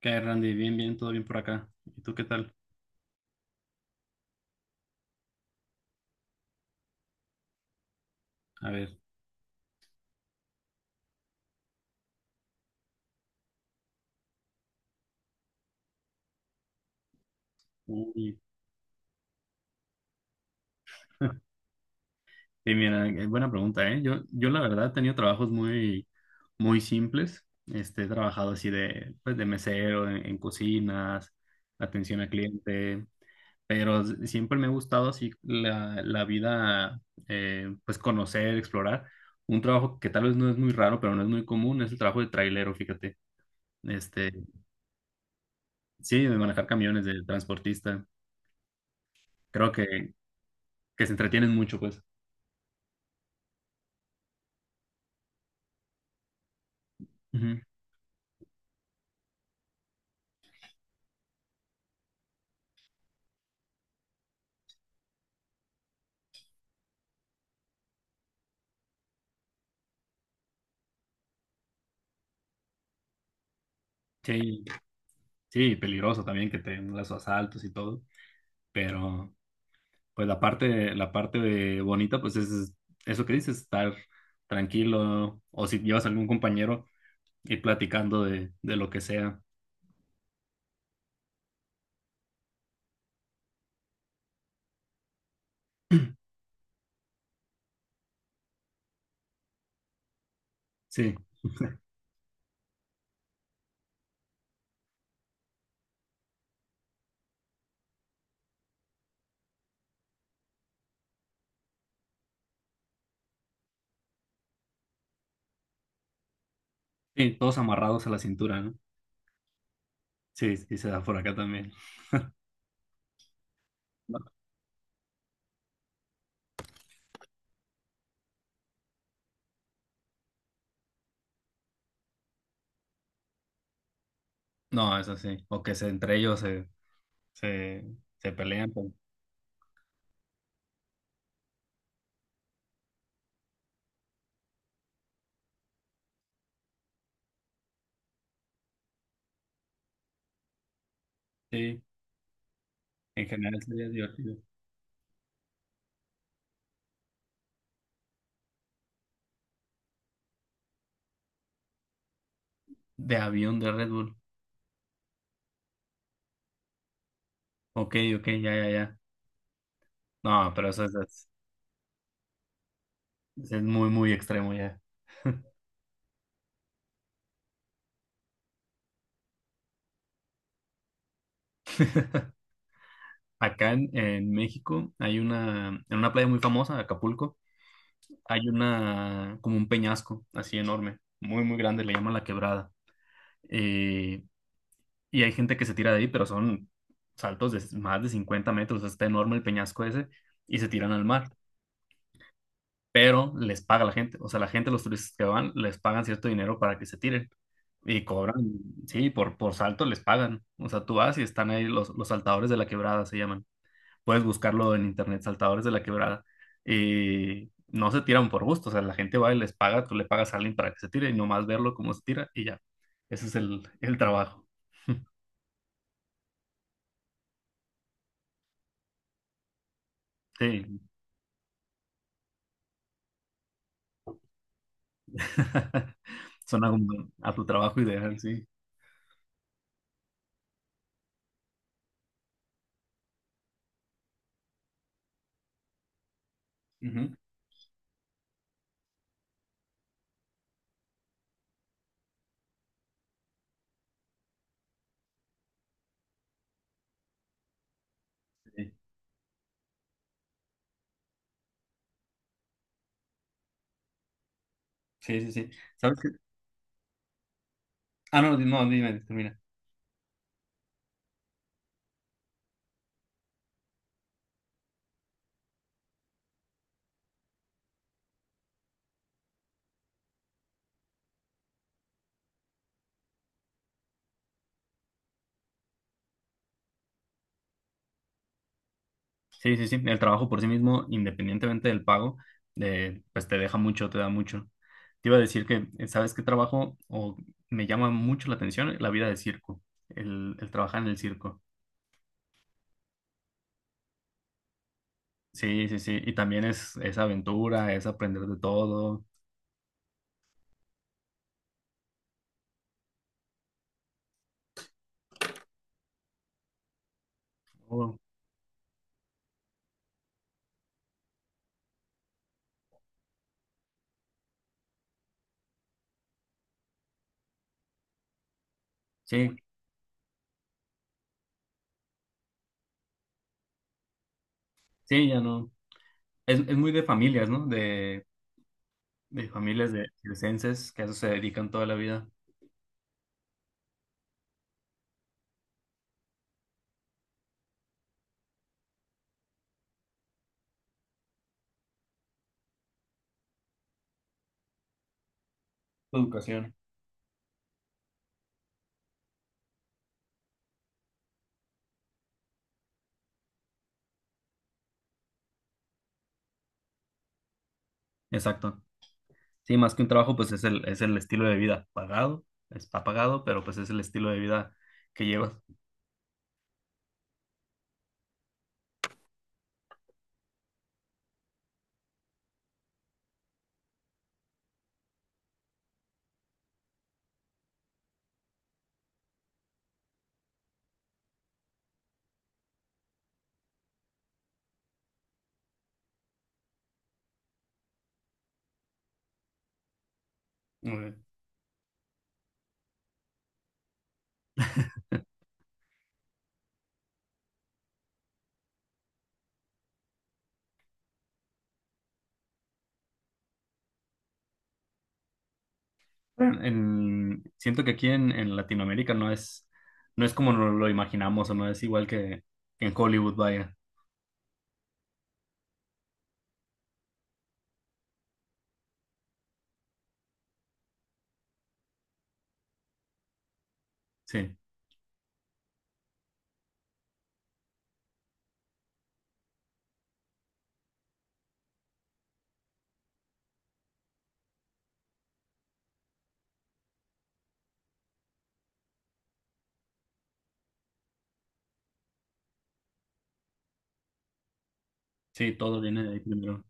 ¿Qué hay, Randy? Bien, bien, todo bien por acá. ¿Y tú qué tal? A ver. Uy. Sí, mira, buena pregunta, ¿eh? Yo la verdad he tenido trabajos muy simples. Este, he trabajado así de, pues, de mesero, en cocinas, atención al cliente, pero siempre me ha gustado así la vida, pues conocer, explorar. Un trabajo que tal vez no es muy raro, pero no es muy común, es el trabajo de trailero, fíjate. Este, sí, de manejar camiones, de transportista. Creo que se entretienen mucho, pues. Ujú. Sí, sí, peligroso también que tengan los asaltos y todo, pero pues la parte de bonita pues es eso que dices, estar tranquilo o si llevas algún compañero ir platicando de lo que sea. Sí, sí, todos amarrados a la cintura, ¿no? Sí, sí, se da por acá también. No, no, eso sí, o entre ellos se, se pelean, pues. Sí, en general sería divertido. De avión de Red Bull. Ok, ok, ya, ya, ya. No, pero eso es... Es muy extremo ya. Acá en México hay una, en una playa muy famosa, Acapulco, hay una, como un peñasco así enorme, muy grande, le llaman La Quebrada. Eh, y hay gente que se tira de ahí, pero son saltos de más de 50 metros, está enorme el peñasco ese, y se tiran al mar. Pero les paga la gente, o sea, la gente, los turistas que van, les pagan cierto dinero para que se tiren. Y cobran, sí, por salto les pagan. O sea, tú vas y están ahí los saltadores de La Quebrada, se llaman. Puedes buscarlo en internet, Saltadores de la Quebrada, no se tiran por gusto, o sea, la gente va y les paga, tú le pagas a alguien para que se tire y nomás verlo cómo se tira y ya, ese es el trabajo. Sí, suena como a tu trabajo ideal, sí. Ujú. Sí, sí, sí, sí. ¿Sabes qué? Ah, no, no, dime, termina. Sí, sí, sí. El trabajo por sí mismo, independientemente del pago, de, pues te deja mucho, te da mucho. Te iba a decir que, ¿sabes qué trabajo? O me llama mucho la atención la vida de circo, el trabajar en el circo. Sí, sí, sí. Y también es aventura, es aprender de todo. Oh, sí, sí, ya no. Es muy de familias, ¿no? De familias de circenses que a eso se dedican toda la vida. Educación. Exacto. Sí, más que un trabajo, pues es es el estilo de vida pagado, está pagado, pero pues es el estilo de vida que llevas. Mm. Bueno, siento que aquí en Latinoamérica no es, no es como nos lo imaginamos o no es igual que en Hollywood, vaya. Sí, sí, todo viene de ahí primero.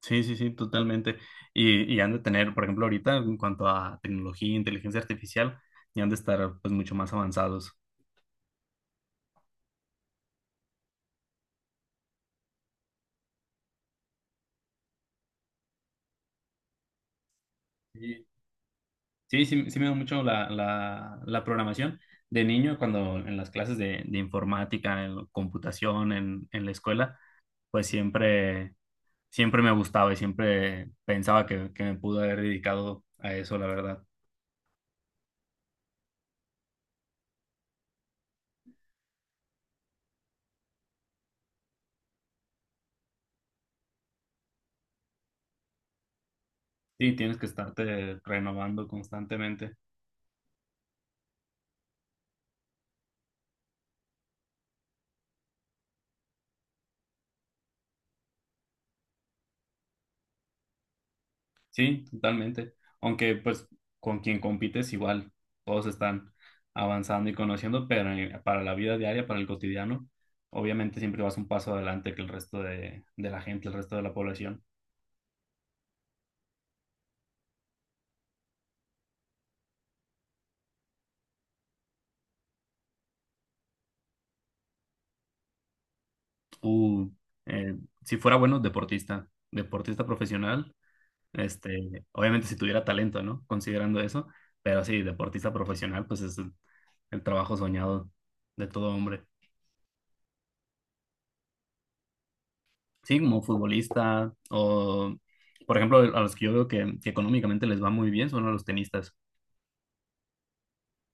Sí, sí, sí, totalmente. Y han de tener, por ejemplo, ahorita en cuanto a tecnología, inteligencia artificial, ya han de estar pues mucho más avanzados. Sí. Sí, sí, sí me da mucho la programación. De niño, cuando en las clases de informática, en computación, en la escuela, pues siempre, siempre me gustaba y siempre pensaba que me pude haber dedicado a eso, la verdad. Sí, tienes que estarte renovando constantemente. Sí, totalmente. Aunque pues con quien compites igual, todos están avanzando y conociendo, pero para la vida diaria, para el cotidiano, obviamente siempre vas un paso adelante que el resto de la gente, el resto de la población. Uh, eh, si fuera bueno, deportista, deportista profesional, este, obviamente si tuviera talento, ¿no? Considerando eso, pero sí, deportista profesional, pues es el trabajo soñado de todo hombre. Sí, como futbolista o, por ejemplo, a los que yo veo que económicamente les va muy bien son a los tenistas.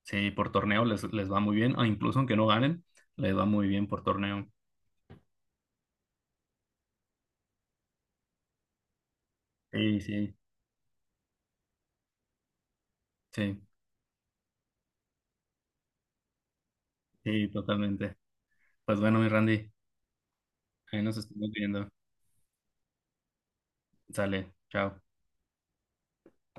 Sí, por torneo les va muy bien, o incluso aunque no ganen, les va muy bien por torneo. Sí, sí, sí, sí, totalmente. Pues bueno, mi Randy, ahí nos estamos viendo. Sale, chao.